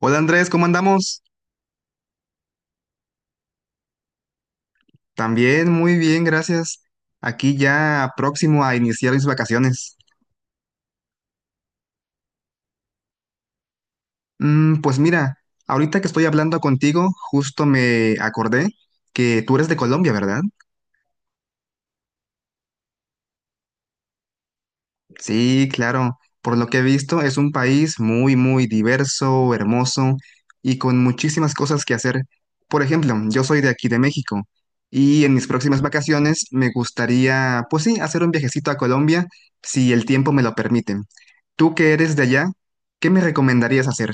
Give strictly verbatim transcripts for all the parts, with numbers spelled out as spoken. Hola Andrés, ¿cómo andamos? También muy bien, gracias. Aquí ya próximo a iniciar mis vacaciones. Mm, pues mira, ahorita que estoy hablando contigo, justo me acordé que tú eres de Colombia, ¿verdad? Sí, claro. Por lo que he visto, es un país muy, muy diverso, hermoso y con muchísimas cosas que hacer. Por ejemplo, yo soy de aquí, de México, y en mis próximas vacaciones me gustaría, pues sí, hacer un viajecito a Colombia, si el tiempo me lo permite. Tú que eres de allá, ¿qué me recomendarías hacer?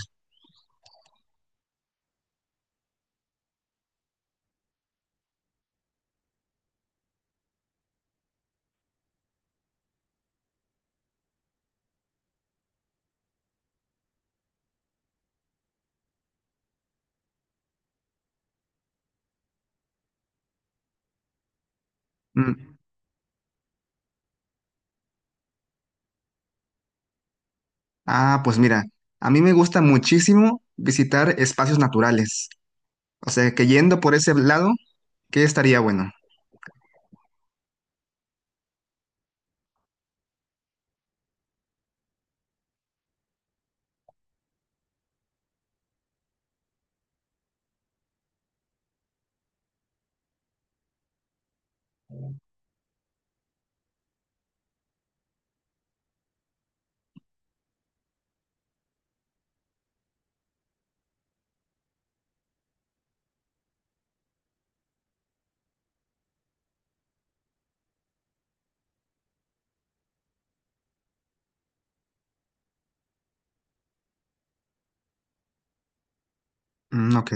Mm, Ah, pues mira, a mí me gusta muchísimo visitar espacios naturales. O sea, que yendo por ese lado, ¿qué estaría bueno? Mm, ok.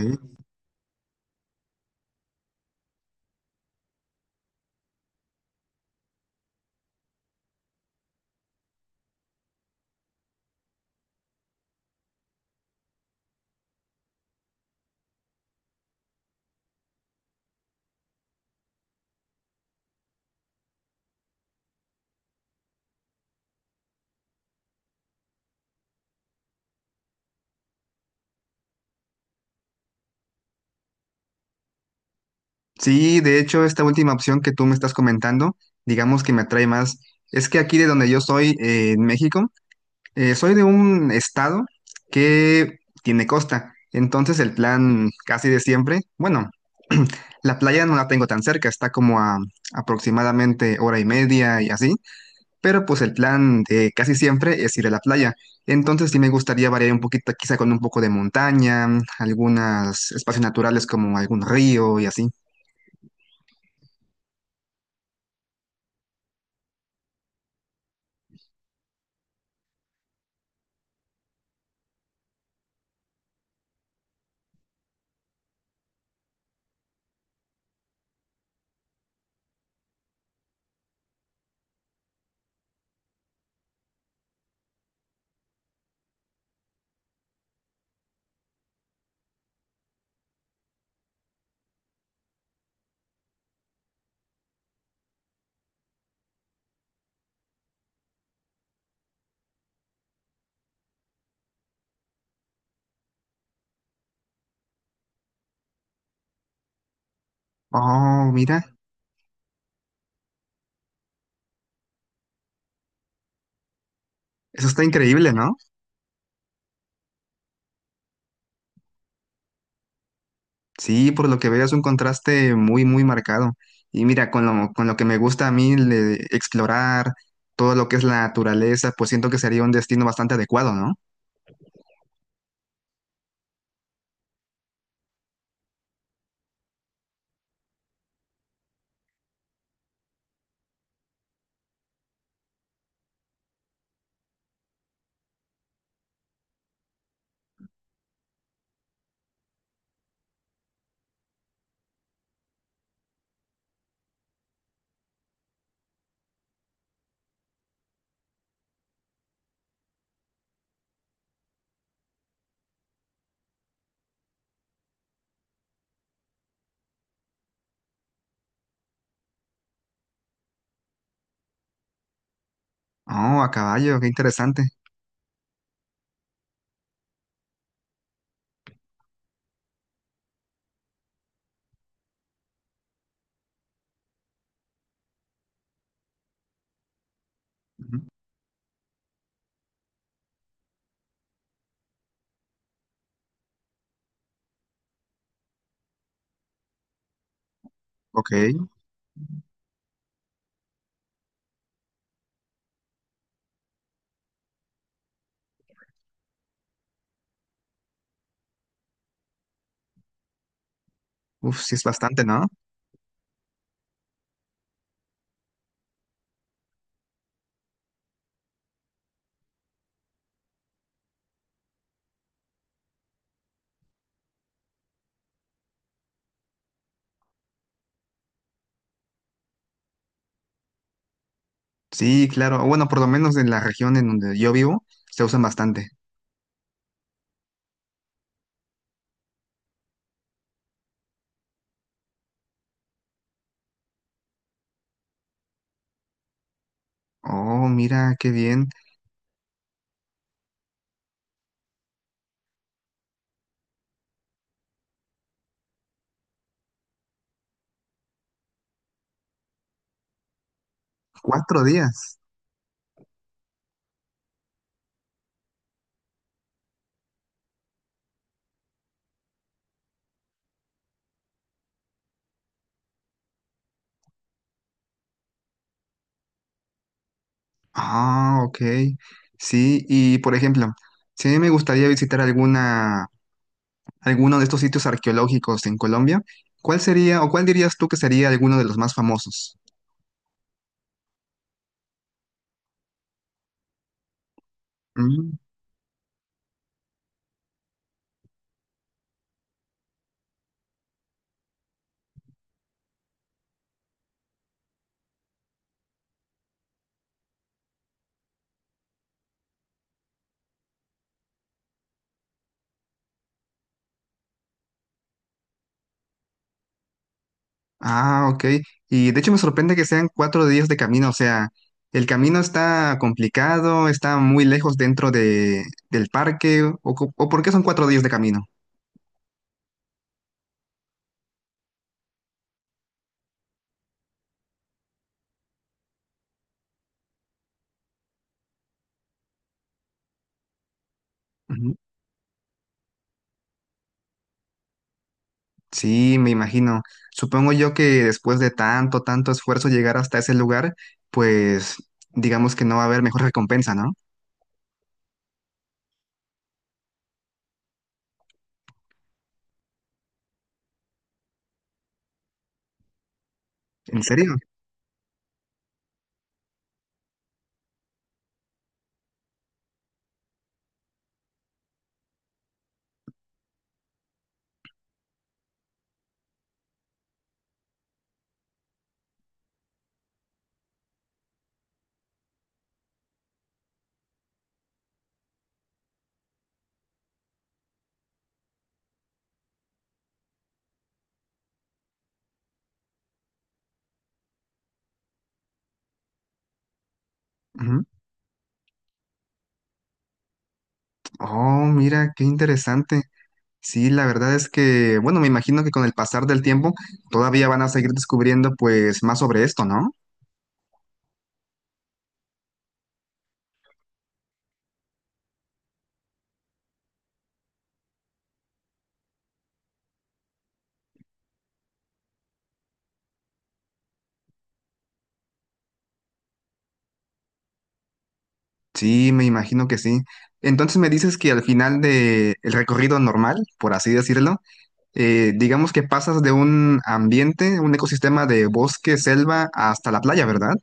Sí, de hecho, esta última opción que tú me estás comentando, digamos que me atrae más. Es que aquí de donde yo soy, eh, en México, eh, soy de un estado que tiene costa. Entonces el plan casi de siempre, bueno, la playa no la tengo tan cerca, está como a aproximadamente hora y media y así, pero pues el plan de casi siempre es ir a la playa. Entonces sí me gustaría variar un poquito, quizá con un poco de montaña, algunos espacios naturales como algún río y así. Oh, mira, eso está increíble, ¿no? Sí, por lo que veo es un contraste muy, muy marcado. Y mira, con lo, con lo que me gusta a mí le- explorar todo lo que es la naturaleza, pues siento que sería un destino bastante adecuado, ¿no? Oh, a caballo, qué interesante. Ujú. Ok, uf, sí es bastante, ¿no? Sí, claro. Bueno, por lo menos en la región en donde yo vivo, se usan bastante. Oh, mira, qué bien. Cuatro días. Ah, ok. Sí, y por ejemplo, si a mí me gustaría visitar alguna, alguno de estos sitios arqueológicos en Colombia, ¿cuál sería o cuál dirías tú que sería alguno de los más famosos? Mm, Ah, ok. Y de hecho me sorprende que sean cuatro días de camino. O sea, el camino está complicado, está muy lejos dentro de, del parque, o, co- o ¿por qué son cuatro días de camino? Ujú. Sí, me imagino. Supongo yo que después de tanto, tanto esfuerzo llegar hasta ese lugar, pues digamos que no va a haber mejor recompensa, ¿no? ¿En serio? Ujú. Oh, mira, qué interesante. Sí, la verdad es que, bueno, me imagino que con el pasar del tiempo todavía van a seguir descubriendo pues más sobre esto, ¿no? Sí, me imagino que sí. Entonces me dices que al final de el recorrido normal, por así decirlo, eh, digamos que pasas de un ambiente, un ecosistema de bosque, selva, hasta la playa, ¿verdad?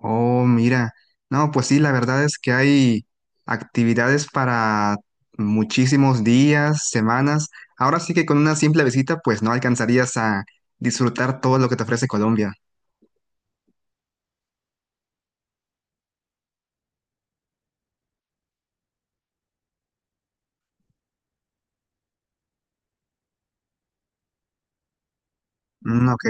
Oh, mira. No, pues sí, la verdad es que hay actividades para muchísimos días, semanas. Ahora sí que con una simple visita, pues no alcanzarías a disfrutar todo lo que te ofrece Colombia. Mm, ok.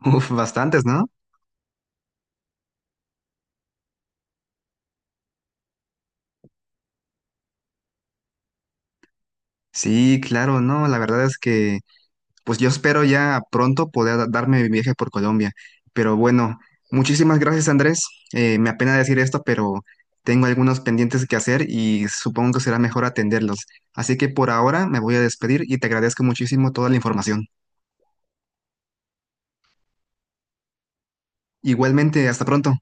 Uf, bastantes, ¿no? Sí, claro, no, la verdad es que... Pues yo espero ya pronto poder darme mi viaje por Colombia. Pero bueno, muchísimas gracias, Andrés. Eh, me apena decir esto, pero tengo algunos pendientes que hacer y supongo que será mejor atenderlos. Así que por ahora me voy a despedir y te agradezco muchísimo toda la información. Igualmente, hasta pronto.